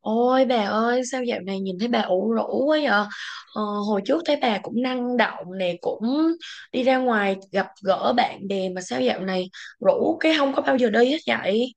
Ôi bà ơi, sao dạo này nhìn thấy bà ủ rũ quá vậy? ờ, Hồi trước thấy bà cũng năng động nè, cũng đi ra ngoài gặp gỡ bạn bè, mà sao dạo này rũ cái không có bao giờ đi hết vậy?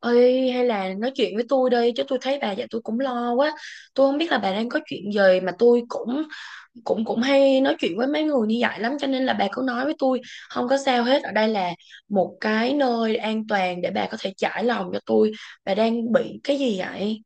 Ơi hay là nói chuyện với tôi đi, chứ tôi thấy bà vậy tôi cũng lo quá. Tôi không biết là bà đang có chuyện gì, mà tôi cũng cũng cũng hay nói chuyện với mấy người như vậy lắm, cho nên là bà cứ nói với tôi không có sao hết. Ở đây là một cái nơi an toàn để bà có thể trải lòng cho tôi. Bà đang bị cái gì vậy?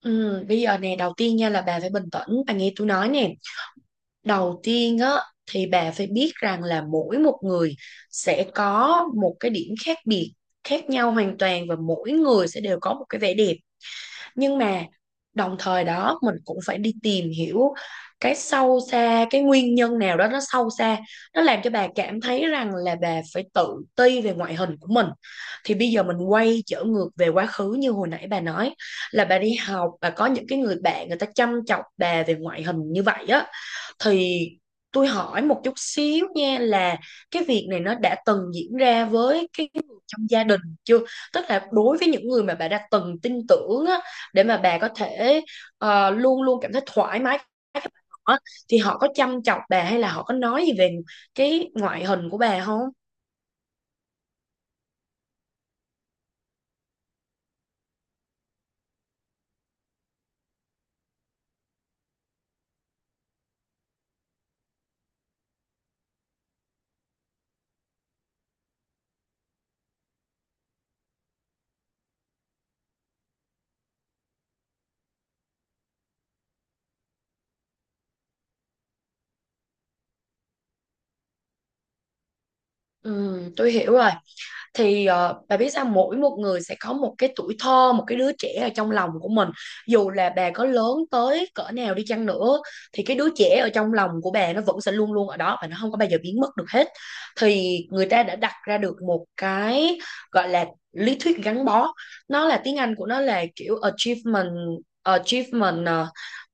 Ừ, bây giờ nè, đầu tiên nha, là bà phải bình tĩnh bà nghe tôi nói nè. Đầu tiên á thì bà phải biết rằng là mỗi một người sẽ có một cái điểm khác biệt, khác nhau hoàn toàn, và mỗi người sẽ đều có một cái vẻ đẹp. Nhưng mà đồng thời đó mình cũng phải đi tìm hiểu cái sâu xa, cái nguyên nhân nào đó nó sâu xa, nó làm cho bà cảm thấy rằng là bà phải tự ti về ngoại hình của mình. Thì bây giờ mình quay trở ngược về quá khứ, như hồi nãy bà nói là bà đi học bà có những cái người bạn người ta chăm chọc bà về ngoại hình như vậy á, thì tôi hỏi một chút xíu nha, là cái việc này nó đã từng diễn ra với cái người trong gia đình chưa? Tức là đối với những người mà bà đã từng tin tưởng á, để mà bà có thể luôn luôn cảm thấy thoải mái với họ á, thì họ có chăm chọc bà, hay là họ có nói gì về cái ngoại hình của bà không? Ừ, tôi hiểu rồi. Thì bà biết sao, mỗi một người sẽ có một cái tuổi thơ, một cái đứa trẻ ở trong lòng của mình. Dù là bà có lớn tới cỡ nào đi chăng nữa thì cái đứa trẻ ở trong lòng của bà nó vẫn sẽ luôn luôn ở đó, và nó không có bao giờ biến mất được hết. Thì người ta đã đặt ra được một cái gọi là lý thuyết gắn bó. Nó là tiếng Anh của nó là kiểu achievement, achievement ờ,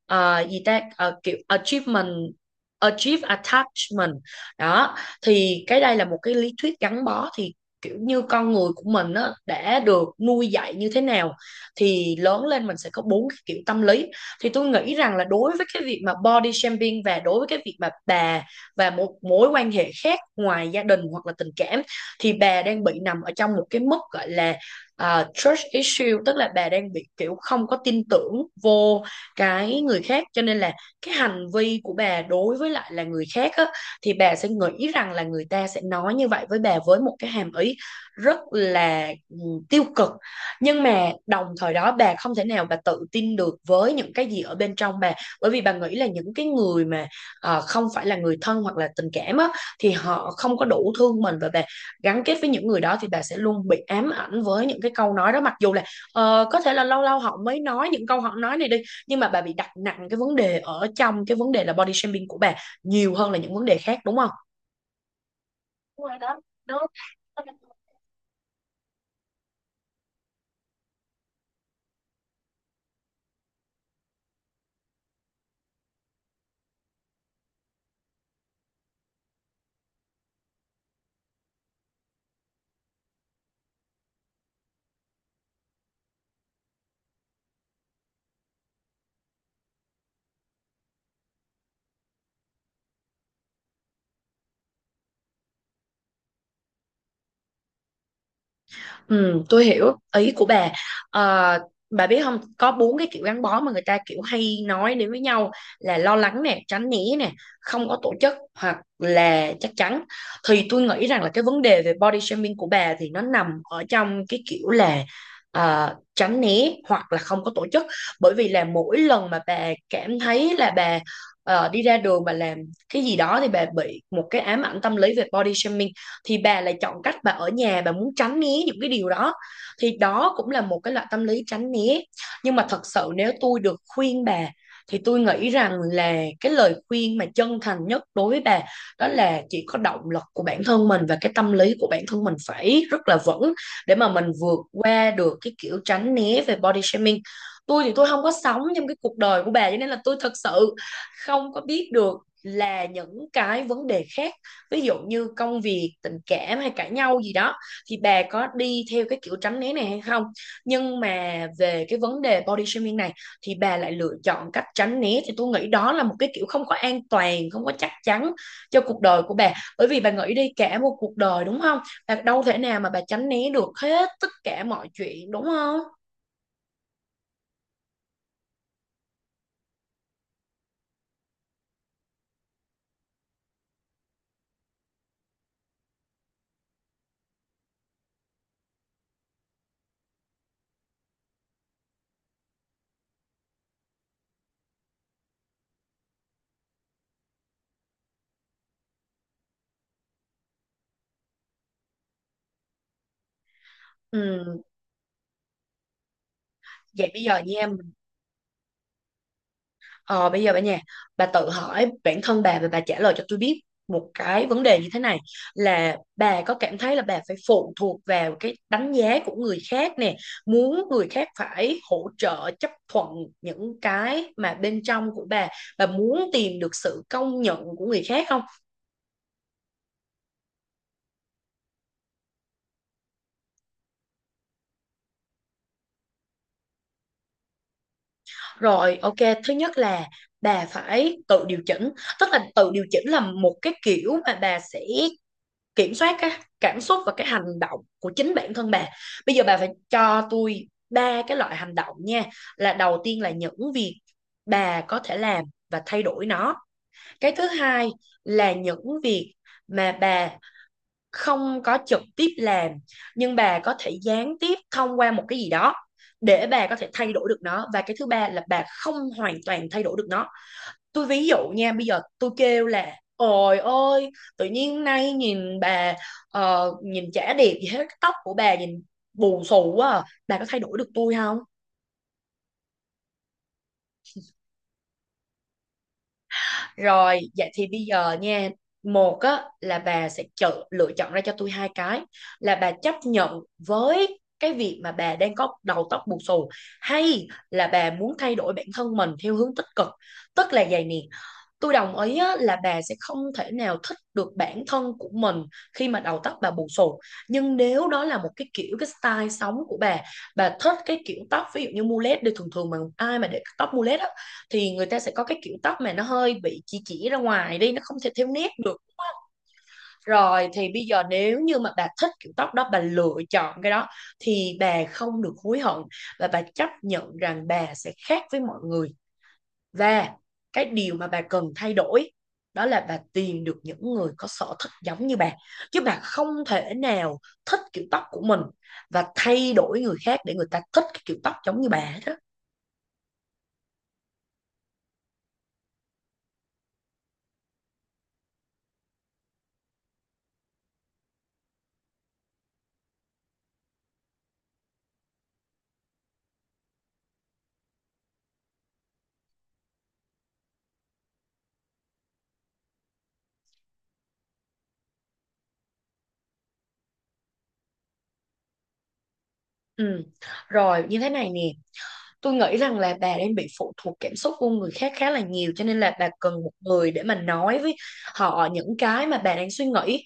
gì ta. Ờ, Kiểu achieve attachment đó. Thì cái đây là một cái lý thuyết gắn bó. Thì kiểu như con người của mình á, đã được nuôi dạy như thế nào thì lớn lên mình sẽ có bốn cái kiểu tâm lý. Thì tôi nghĩ rằng là đối với cái việc mà body shaming, và đối với cái việc mà bà và một mối quan hệ khác ngoài gia đình hoặc là tình cảm, thì bà đang bị nằm ở trong một cái mức gọi là à, trust issue. Tức là bà đang bị kiểu không có tin tưởng vô cái người khác, cho nên là cái hành vi của bà đối với lại là người khác á, thì bà sẽ nghĩ rằng là người ta sẽ nói như vậy với bà với một cái hàm ý rất là tiêu cực. Nhưng mà đồng thời đó bà không thể nào bà tự tin được với những cái gì ở bên trong bà. Bởi vì bà nghĩ là những cái người mà không phải là người thân hoặc là tình cảm á, thì họ không có đủ thương mình, và bà gắn kết với những người đó thì bà sẽ luôn bị ám ảnh với những cái câu nói đó. Mặc dù là có thể là lâu lâu họ mới nói những câu họ nói này đi, nhưng mà bà bị đặt nặng cái vấn đề, ở trong cái vấn đề là body shaming của bà nhiều hơn là những vấn đề khác, đúng không? Đúng rồi đó, đúng. Ừ, tôi hiểu ý của bà. Ờ, bà biết không, có bốn cái kiểu gắn bó mà người ta kiểu hay nói đến với nhau, là lo lắng nè, tránh né nè, không có tổ chức, hoặc là chắc chắn. Thì tôi nghĩ rằng là cái vấn đề về body shaming của bà thì nó nằm ở trong cái kiểu là tránh né hoặc là không có tổ chức. Bởi vì là mỗi lần mà bà cảm thấy là bà đi ra đường mà làm cái gì đó thì bà bị một cái ám ảnh tâm lý về body shaming, thì bà lại chọn cách bà ở nhà, bà muốn tránh né những cái điều đó, thì đó cũng là một cái loại tâm lý tránh né. Nhưng mà thật sự nếu tôi được khuyên bà thì tôi nghĩ rằng là cái lời khuyên mà chân thành nhất đối với bà, đó là chỉ có động lực của bản thân mình và cái tâm lý của bản thân mình phải rất là vững, để mà mình vượt qua được cái kiểu tránh né về body shaming. Tôi thì tôi không có sống trong cái cuộc đời của bà, cho nên là tôi thật sự không có biết được là những cái vấn đề khác, ví dụ như công việc, tình cảm, hay cãi nhau gì đó, thì bà có đi theo cái kiểu tránh né này hay không. Nhưng mà về cái vấn đề body shaming này thì bà lại lựa chọn cách tránh né, thì tôi nghĩ đó là một cái kiểu không có an toàn, không có chắc chắn cho cuộc đời của bà. Bởi vì bà nghĩ đi, cả một cuộc đời đúng không, bà đâu thể nào mà bà tránh né được hết tất cả mọi chuyện, đúng không? Ừ. Vậy bây giờ nha, ờ, bây giờ bà, bà tự hỏi bản thân bà và bà trả lời cho tôi biết một cái vấn đề như thế này, là bà có cảm thấy là bà phải phụ thuộc vào cái đánh giá của người khác nè, muốn người khác phải hỗ trợ, chấp thuận những cái mà bên trong của bà muốn tìm được sự công nhận của người khác không? Rồi, ok, thứ nhất là bà phải tự điều chỉnh. Tức là tự điều chỉnh là một cái kiểu mà bà sẽ kiểm soát cái cảm xúc và cái hành động của chính bản thân bà. Bây giờ bà phải cho tôi ba cái loại hành động nha. Là đầu tiên là những việc bà có thể làm và thay đổi nó. Cái thứ hai là những việc mà bà không có trực tiếp làm, nhưng bà có thể gián tiếp thông qua một cái gì đó để bà có thể thay đổi được nó. Và cái thứ ba là bà không hoàn toàn thay đổi được nó. Tôi ví dụ nha, bây giờ tôi kêu là ôi ôi, tự nhiên nay nhìn bà, nhìn chả đẹp gì hết, cái tóc của bà nhìn bù xù quá à. Bà có thay đổi được tôi không? Rồi vậy thì bây giờ nha, một á là bà sẽ chọn, lựa chọn ra cho tôi hai cái, là bà chấp nhận với cái việc mà bà đang có đầu tóc bù xù, hay là bà muốn thay đổi bản thân mình theo hướng tích cực. Tức là vậy nè, tôi đồng ý á, là bà sẽ không thể nào thích được bản thân của mình khi mà đầu tóc bà bù xù. Nhưng nếu đó là một cái kiểu, cái style sống của bà thích cái kiểu tóc ví dụ như mullet đi, thường thường mà ai mà để tóc mullet á thì người ta sẽ có cái kiểu tóc mà nó hơi bị chỉ ra ngoài đi, nó không thể theo nét được. Rồi thì bây giờ nếu như mà bà thích kiểu tóc đó, bà lựa chọn cái đó, thì bà không được hối hận, và bà chấp nhận rằng bà sẽ khác với mọi người. Và cái điều mà bà cần thay đổi đó là bà tìm được những người có sở thích giống như bà. Chứ bà không thể nào thích kiểu tóc của mình và thay đổi người khác để người ta thích cái kiểu tóc giống như bà hết đó. Ừ. Rồi như thế này nè, tôi nghĩ rằng là bà đang bị phụ thuộc cảm xúc của người khác khá là nhiều, cho nên là bà cần một người để mà nói với họ những cái mà bà đang suy nghĩ.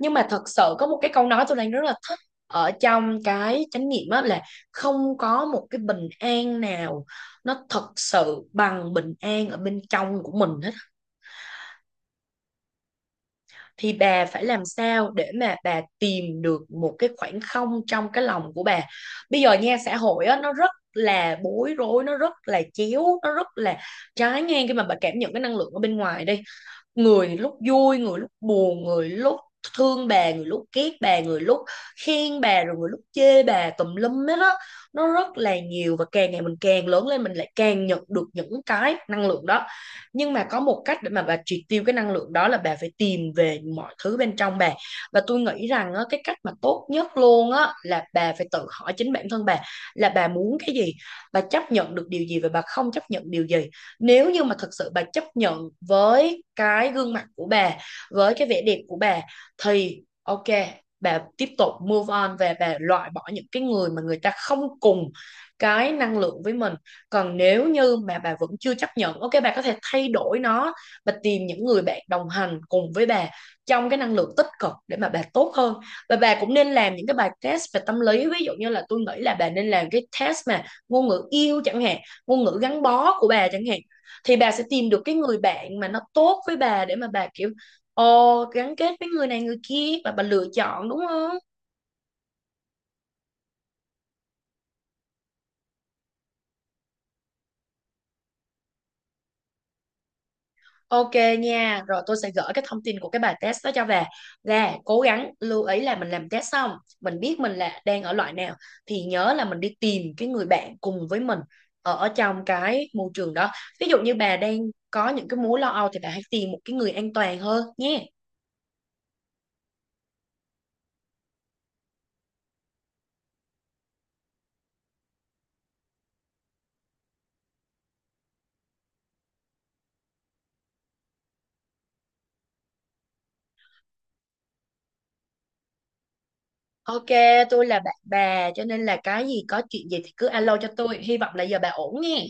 Nhưng mà thật sự có một cái câu nói tôi đang rất là thích ở trong cái chánh niệm á, là không có một cái bình an nào nó thật sự bằng bình an ở bên trong của mình hết. Thì bà phải làm sao để mà bà tìm được một cái khoảng không trong cái lòng của bà. Bây giờ nha, xã hội á nó rất là bối rối, nó rất là chéo, nó rất là trái ngang. Khi mà bà cảm nhận cái năng lượng ở bên ngoài đi, người thì lúc vui, người lúc buồn, người lúc thương bà, người lúc ghét bà, người lúc khen bà, rồi người lúc chê bà tùm lum hết á. Nó rất là nhiều, và càng ngày mình càng lớn lên mình lại càng nhận được những cái năng lượng đó. Nhưng mà có một cách để mà bà triệt tiêu cái năng lượng đó, là bà phải tìm về mọi thứ bên trong bà. Và tôi nghĩ rằng á, cái cách mà tốt nhất luôn á, là bà phải tự hỏi chính bản thân bà là bà muốn cái gì, bà chấp nhận được điều gì và bà không chấp nhận điều gì. Nếu như mà thật sự bà chấp nhận với cái gương mặt của bà, với cái vẻ đẹp của bà, thì ok, bà tiếp tục move on, và bà loại bỏ những cái người mà người ta không cùng cái năng lượng với mình. Còn nếu như mà bà vẫn chưa chấp nhận, ok, bà có thể thay đổi nó, bà tìm những người bạn đồng hành cùng với bà trong cái năng lượng tích cực để mà bà tốt hơn. Và bà cũng nên làm những cái bài test về tâm lý, ví dụ như là tôi nghĩ là bà nên làm cái test mà ngôn ngữ yêu chẳng hạn, ngôn ngữ gắn bó của bà chẳng hạn. Thì bà sẽ tìm được cái người bạn mà nó tốt với bà, để mà bà kiểu ồ gắn kết với người này người kia, và bà lựa chọn đúng không. Ok nha, rồi tôi sẽ gửi cái thông tin của cái bài test đó cho bà. Là cố gắng lưu ý là mình làm test xong mình biết mình là đang ở loại nào, thì nhớ là mình đi tìm cái người bạn cùng với mình ở ở trong cái môi trường đó. Ví dụ như bà đang có những cái mối lo âu thì bà hãy tìm một cái người an toàn hơn nhé. Ok, tôi là bạn bà cho nên là cái gì, có chuyện gì thì cứ alo cho tôi. Hy vọng là giờ bà ổn nghe.